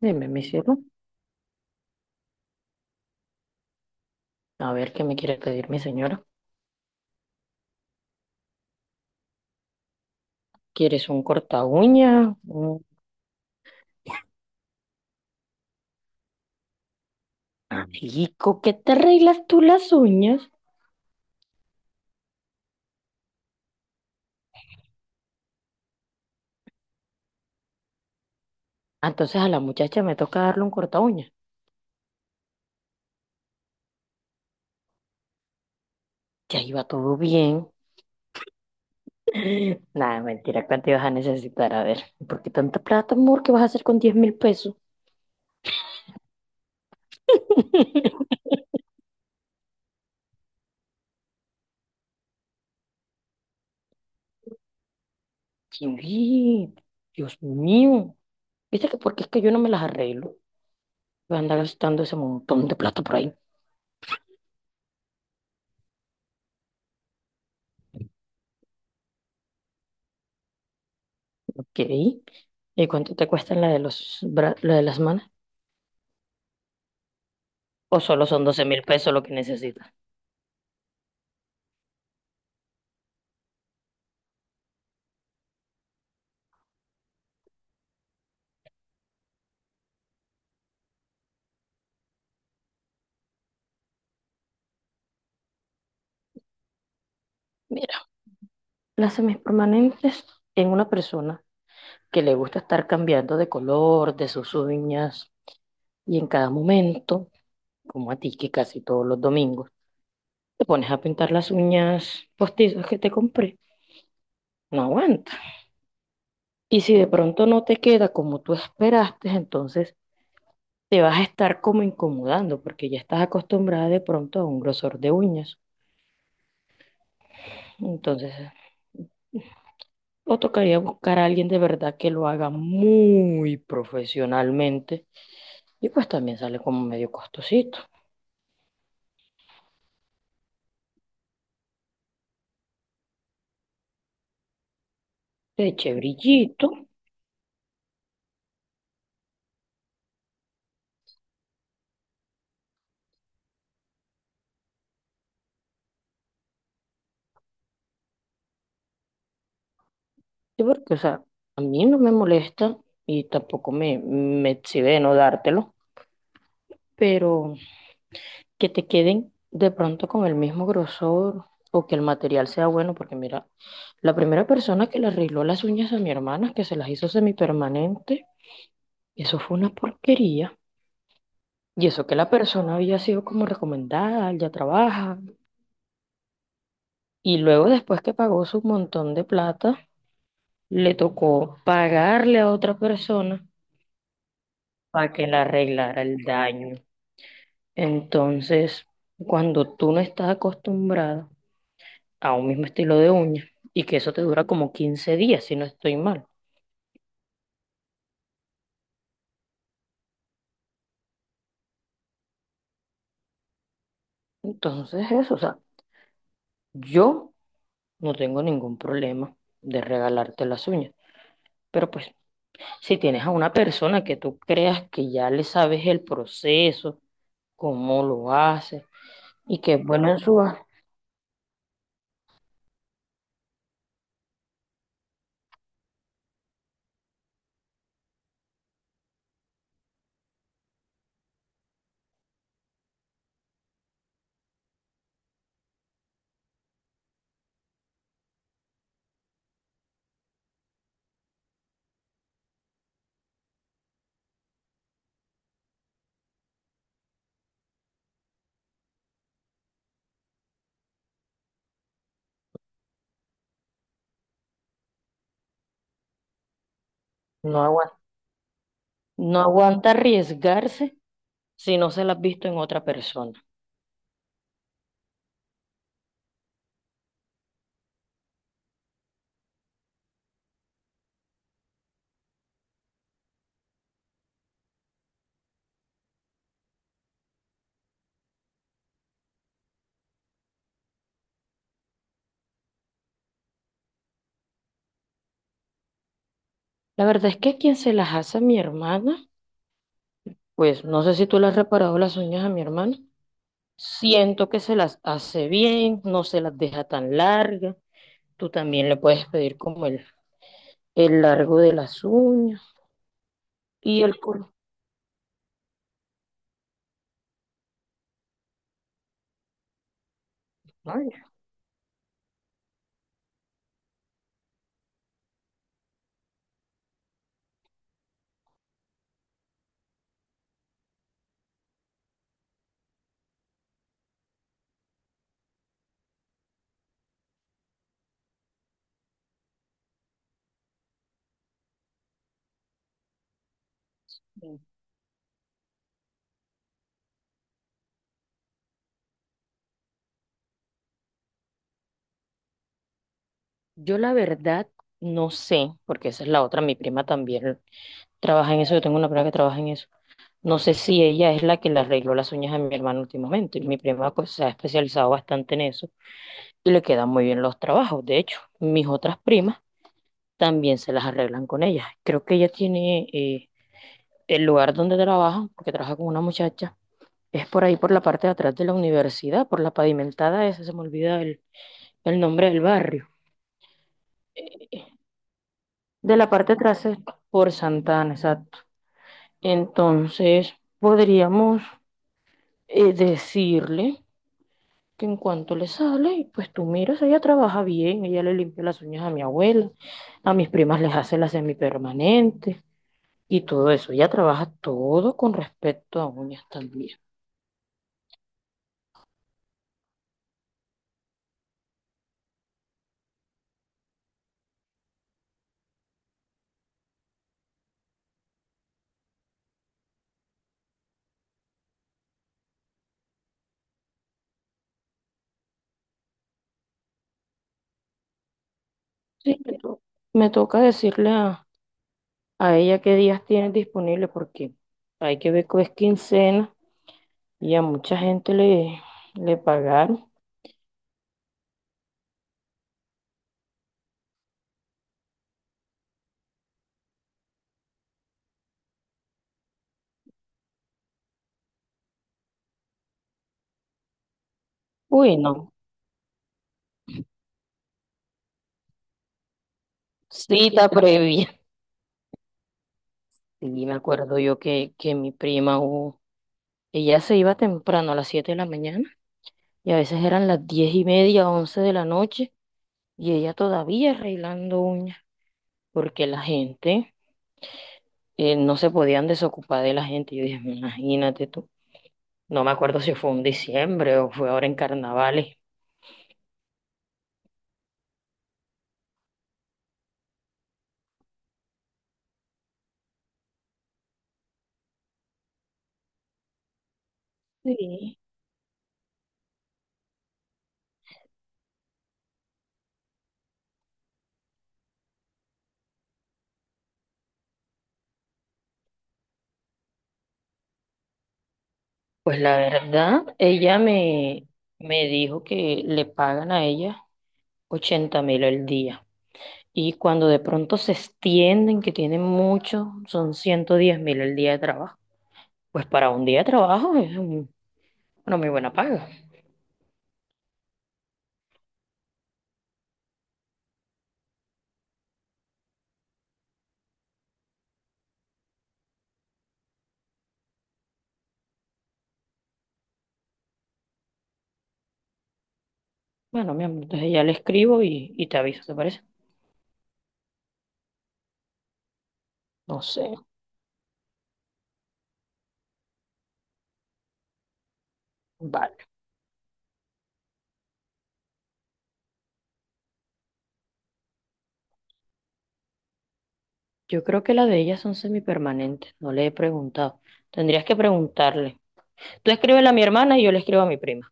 Dime, mi cielo, a ver qué me quiere pedir mi señora. ¿Quieres un corta uña? ¿Un amigo que te arreglas tú las uñas? Ah, entonces a la muchacha me toca darle un corta uña. Ya iba todo bien. Nada, mentira, ¿cuánto ibas a necesitar? A ver, ¿por qué tanta plata, amor? ¿Qué vas a hacer con 10.000 pesos? Sí, Dios mío. ¿Viste que porque es que yo no me las arreglo? Voy a andar gastando ese montón de plata por ahí. Ok. ¿Y cuánto te cuesta la de los la de las manos? ¿O solo son 12.000 pesos lo que necesitas? Mira, las semipermanentes en una persona que le gusta estar cambiando de color de sus uñas, y en cada momento, como a ti, que casi todos los domingos te pones a pintar las uñas postizas que te compré, no aguanta. Y si de pronto no te queda como tú esperaste, entonces te vas a estar como incomodando porque ya estás acostumbrada de pronto a un grosor de uñas. Entonces o tocaría buscar a alguien de verdad que lo haga muy profesionalmente. Y pues también sale como medio costosito. Le eché brillito. Sí, porque, o sea, a mí no me molesta y tampoco me exhibe de no dártelo. Pero que te queden de pronto con el mismo grosor o que el material sea bueno. Porque mira, la primera persona que le arregló las uñas a mi hermana, que se las hizo semipermanente, eso fue una porquería. Y eso que la persona había sido como recomendada, ya trabaja. Y luego después que pagó su montón de plata, le tocó pagarle a otra persona para que le arreglara el daño. Entonces, cuando tú no estás acostumbrada a un mismo estilo de uña, y que eso te dura como 15 días, si no estoy mal. Entonces, eso, o sea, yo no tengo ningún problema de regalarte las uñas, pero pues si tienes a una persona que tú creas que ya le sabes el proceso, cómo lo hace, y que es bueno en su... No aguanta, no aguanta arriesgarse si no se las has visto en otra persona. La verdad es que quien se las hace a mi hermana, pues no sé si tú le has reparado las uñas a mi hermana, siento que se las hace bien, no se las deja tan largas. Tú también le puedes pedir como el largo de las uñas y el color. Ay, yo la verdad no sé, porque esa es la otra, mi prima también trabaja en eso, yo tengo una prima que trabaja en eso. No sé si ella es la que le arregló las uñas a mi hermano últimamente. Y mi prima, pues, se ha especializado bastante en eso y le quedan muy bien los trabajos. De hecho, mis otras primas también se las arreglan con ella. Creo que ella tiene el lugar donde trabaja, porque trabaja con una muchacha, es por ahí, por la parte de atrás de la universidad, por la pavimentada esa, se me olvida el nombre del barrio. eh, De la parte de atrás es por Santana, exacto. Entonces, podríamos decirle que en cuanto le sale, pues tú miras, ella trabaja bien, ella le limpia las uñas a mi abuela, a mis primas les hace las semipermanentes y todo eso. Ella trabaja todo con respecto a uñas también. Sí, me toca decirle a ella qué días tienes disponible porque hay que ver que es quincena y a mucha gente le pagaron. Uy, no, cita previa. Y me acuerdo yo que mi prima, ella se iba temprano a las 7 de la mañana y a veces eran las 10 y media, 11 de la noche y ella todavía arreglando uñas porque la gente no se podían desocupar de la gente. Yo dije, imagínate tú, no me acuerdo si fue en diciembre o fue ahora en carnavales. Sí. Pues la verdad, me dijo que le pagan a ella 80.000 el día. Y cuando de pronto se extienden, que tienen mucho, son 110.000 el día de trabajo. Pues para un día de trabajo es una muy buena paga. Bueno, mi amor, entonces ya le escribo y te aviso, ¿te parece? No sé. Vale. Yo creo que la de ellas son semipermanentes, no le he preguntado. Tendrías que preguntarle. Tú escríbele a mi hermana y yo le escribo a mi prima.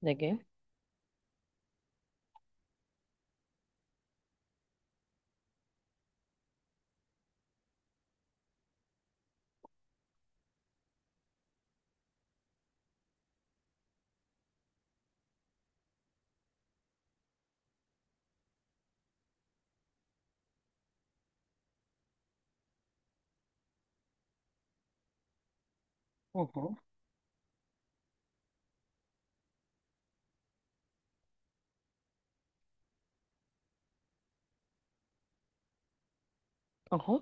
¿De qué? Ajá. Ajá.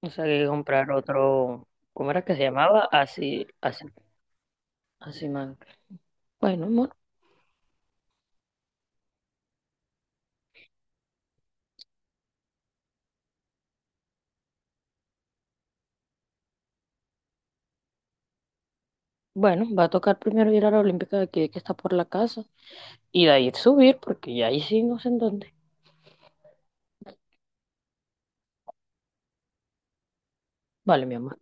O sea, que comprar otro, ¿cómo era que se llamaba? Así, así, así man. Bueno, amor. Bueno, va a tocar primero ir a la Olímpica de aquí, que está por la casa, y de ahí subir, porque ya ahí sí no sé en dónde. Vale, mi amor.